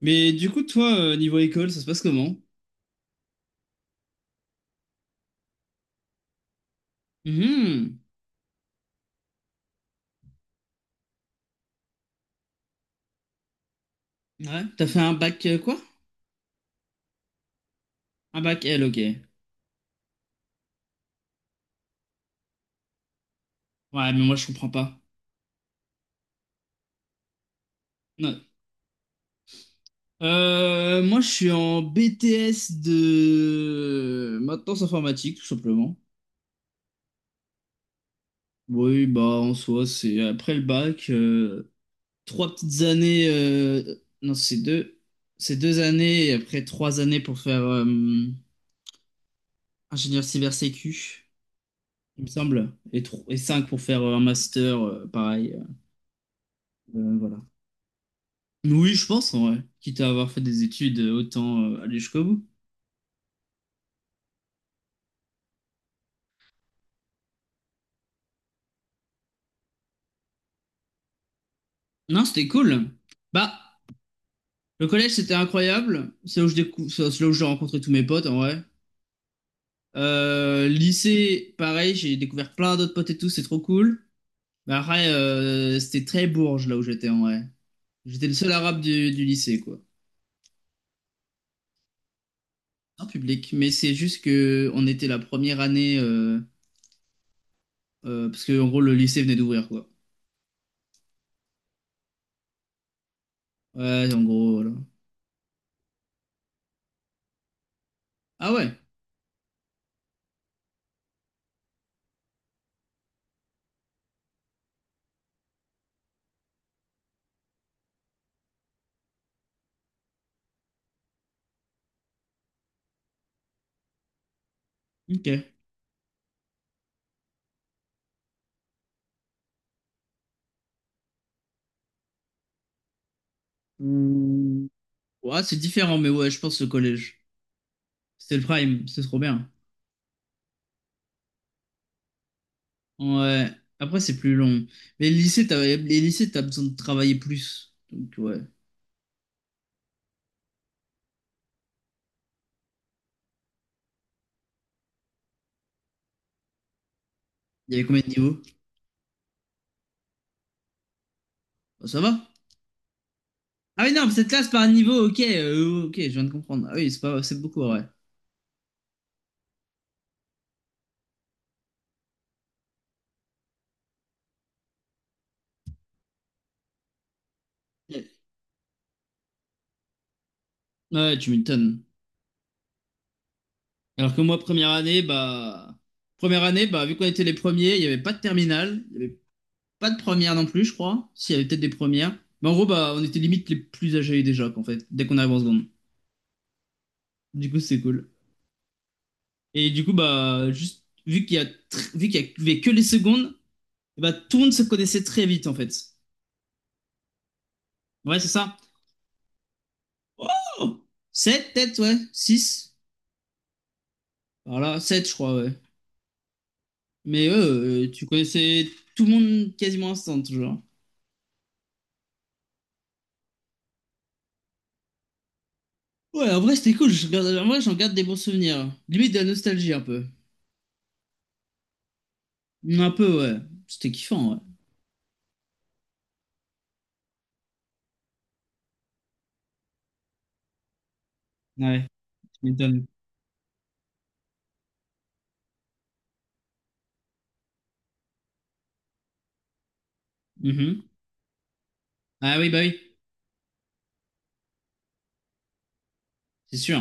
Mais du coup, toi, niveau école, ça se passe comment? Mhm. Ouais, t'as fait un bac quoi? Un bac L, ok. Ouais, mais moi, je comprends pas. Ouais. Moi, je suis en BTS de maintenance informatique, tout simplement. Oui, bah, en soi, c'est après le bac, 3 petites années. Non, c'est deux. C'est 2 années et après 3 années pour faire ingénieur cyber sécu, il me semble, et, et cinq pour faire un master, pareil. Voilà. Oui, je pense, en vrai. Quitte à avoir fait des études, autant aller jusqu'au bout. Non, c'était cool. Bah, le collège, c'était incroyable. C'est là où j'ai rencontré tous mes potes, en vrai. Lycée, pareil, j'ai découvert plein d'autres potes et tout, c'est trop cool. Bah, après, c'était très bourge, là où j'étais, en vrai. J'étais le seul arabe du lycée, quoi. En public. Mais c'est juste que on était la première année, parce que, en gros, le lycée venait d'ouvrir, quoi. Ouais, en gros, voilà. Ah ouais, ok. Mmh. Ouais, c'est différent, mais ouais, je pense le collège. C'était le prime, c'est trop bien. Ouais. Après, c'est plus long. Mais le lycée, les lycées, t'as besoin de travailler plus. Donc, ouais. Il y avait combien de niveaux? Bah, ça va. Ah oui, non, mais cette classe par niveau, ok, ok, je viens de comprendre. Ah oui, c'est pas, c'est beaucoup, ouais. Ouais, tu m'étonnes. Alors que moi, première année, bah, vu qu'on était les premiers, il n'y avait pas de terminale, il n'y avait pas de première non plus, je crois. S'il y avait peut-être des premières. Mais en gros, bah, on était limite les plus âgés déjà, qu'en fait, dès qu'on arrive en seconde. Du coup, c'est cool. Et du coup, bah, juste, vu qu'il y avait que les secondes, et bah, tout le monde se connaissait très vite, en fait. Ouais, c'est ça. Oh! 7, peut-être, ouais. Six. Voilà, 7 je crois, ouais. Mais ouais, tu connaissais tout le monde quasiment instant, toujours. Ouais, en vrai, c'était cool. En vrai, j'en garde des bons souvenirs. Limite de la nostalgie, un peu. Un peu, ouais. C'était kiffant, ouais. Ouais, tu m'étonnes. Mhm. Ah oui, bah oui, c'est sûr.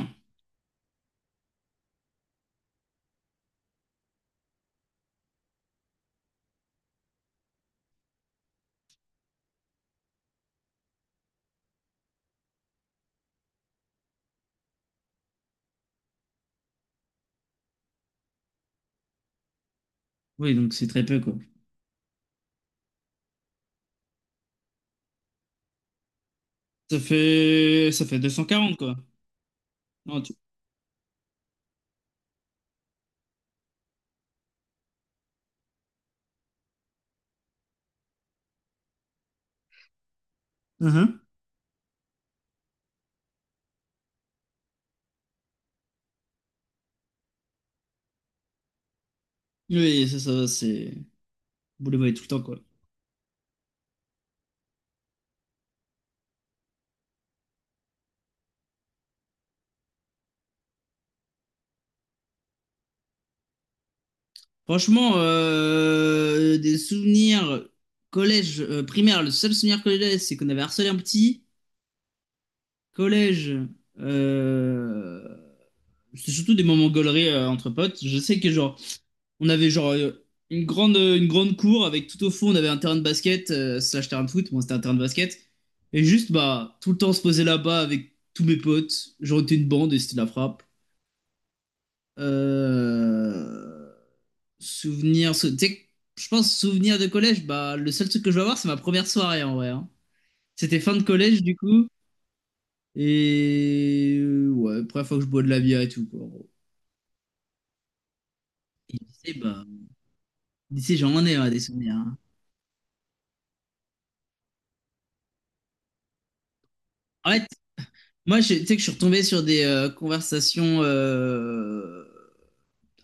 Oui, donc c'est très peu, quoi. Ça fait 240 quoi. Non, tu... Oui, ça, c'est... Vous les voyez tout le temps, quoi. Franchement, des souvenirs collège, primaire, le seul souvenir collège, c'est qu'on avait harcelé un petit. Collège, euh, c'est surtout des moments gauleries entre potes. Je sais que, genre, on avait, genre, une grande cour avec tout au fond, on avait un terrain de basket, slash terrain de foot. Bon, c'était un terrain de basket. Et juste, bah, tout le temps, on se posait là-bas avec tous mes potes. Genre, on était une bande et c'était de la frappe. Euh... Tu sais, je pense souvenir de collège, bah le seul truc que je vais avoir, c'est ma première soirée en vrai, hein. C'était fin de collège du coup, et ouais, première fois que je bois de la bière et tout, quoi, en gros. Et lycée, bah, lycée, j'en ai hein, des souvenirs, hein. En fait, moi, tu sais que je suis retombé sur des conversations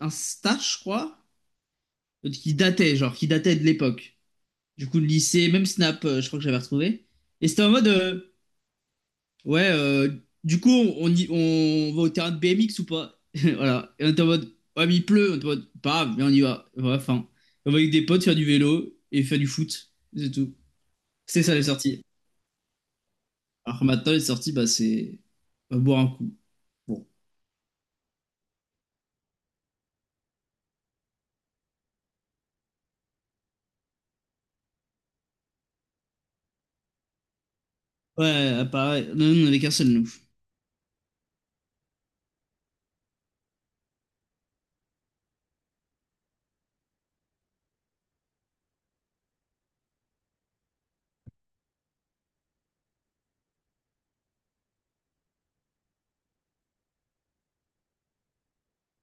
Insta, je crois, qui dataient de l'époque. Du coup, le lycée, même Snap, je crois que j'avais retrouvé. Et c'était en mode. Ouais, du coup, on va au terrain de BMX ou pas? Voilà. Et on était en mode, ouais, mais il pleut. On était en mode, pas grave, viens, on y va. Voilà, enfin, on va avec des potes faire du vélo et faire du foot. C'est tout. C'est ça les sorties. Alors que maintenant, les sorties, bah, c'est on va boire un coup. Bon. Ouais, pareil. Non, non, on avait qu'un seul, nous.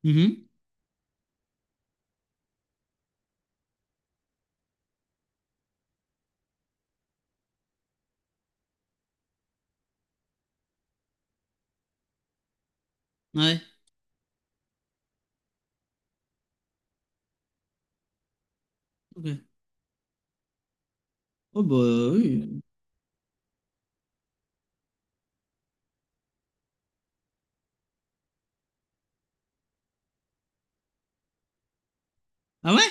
Mhm. Ouais. Ok. Oh, bah oui. Ah ouais?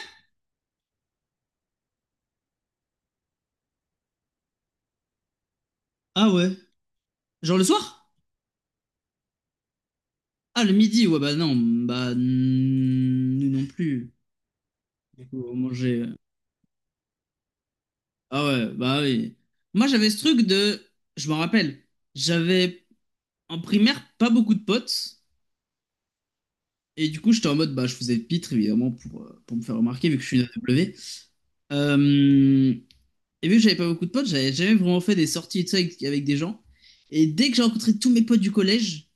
Ah ouais. Genre le soir? Ah, le midi. Ouais, bah non. Bah, nous non plus. Du coup, on mangeait. Ah ouais, bah oui. Moi, j'avais ce truc de... Je m'en rappelle, j'avais en primaire pas beaucoup de potes. Et du coup, j'étais en mode, bah, je faisais pitre, évidemment, pour me faire remarquer, vu que je suis une AW. Euh, et vu que j'avais pas beaucoup de potes, j'avais jamais vraiment fait des sorties et tout ça avec, avec des gens. Et dès que j'ai rencontré tous mes potes du collège,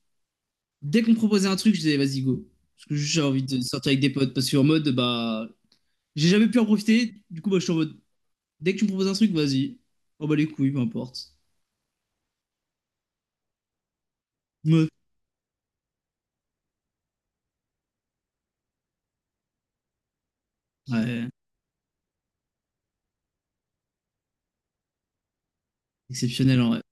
dès qu'on me proposait un truc, je disais, vas-y, go. Parce que juste, j'ai envie de sortir avec des potes. Parce qu'en mode, bah, j'ai jamais pu en profiter. Du coup, bah, je suis en mode, dès que tu me proposes un truc, vas-y. Oh, bah, les couilles, peu importe. Ouais. Ouais. Exceptionnel en vrai.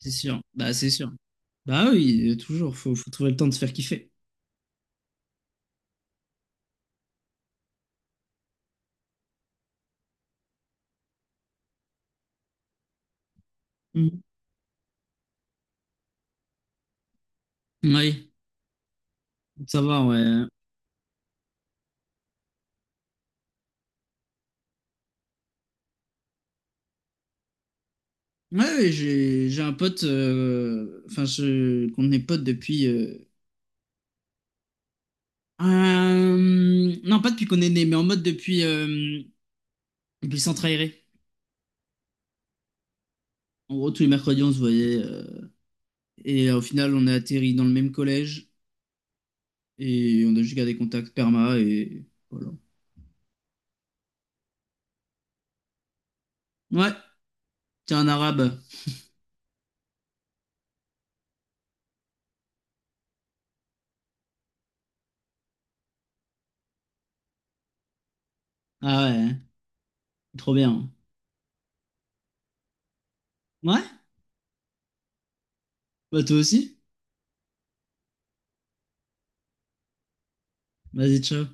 C'est sûr. Bah, c'est sûr. Bah oui, toujours. Faut trouver le temps de se faire kiffer. Mhm. Oui, ça va, ouais. Ouais, ouais, j'ai un pote, enfin, qu'on est pote depuis. Non, pas depuis qu'on est né, mais en mode depuis Centre Aéré. En gros, tous les mercredis, on se voyait. Au final, on a atterri dans le même collège. Et on a juste gardé contact perma. Et voilà. Ouais, t'es un arabe. Ah ouais, hein. Trop bien. Ouais, bah toi aussi. Vas-y, ciao.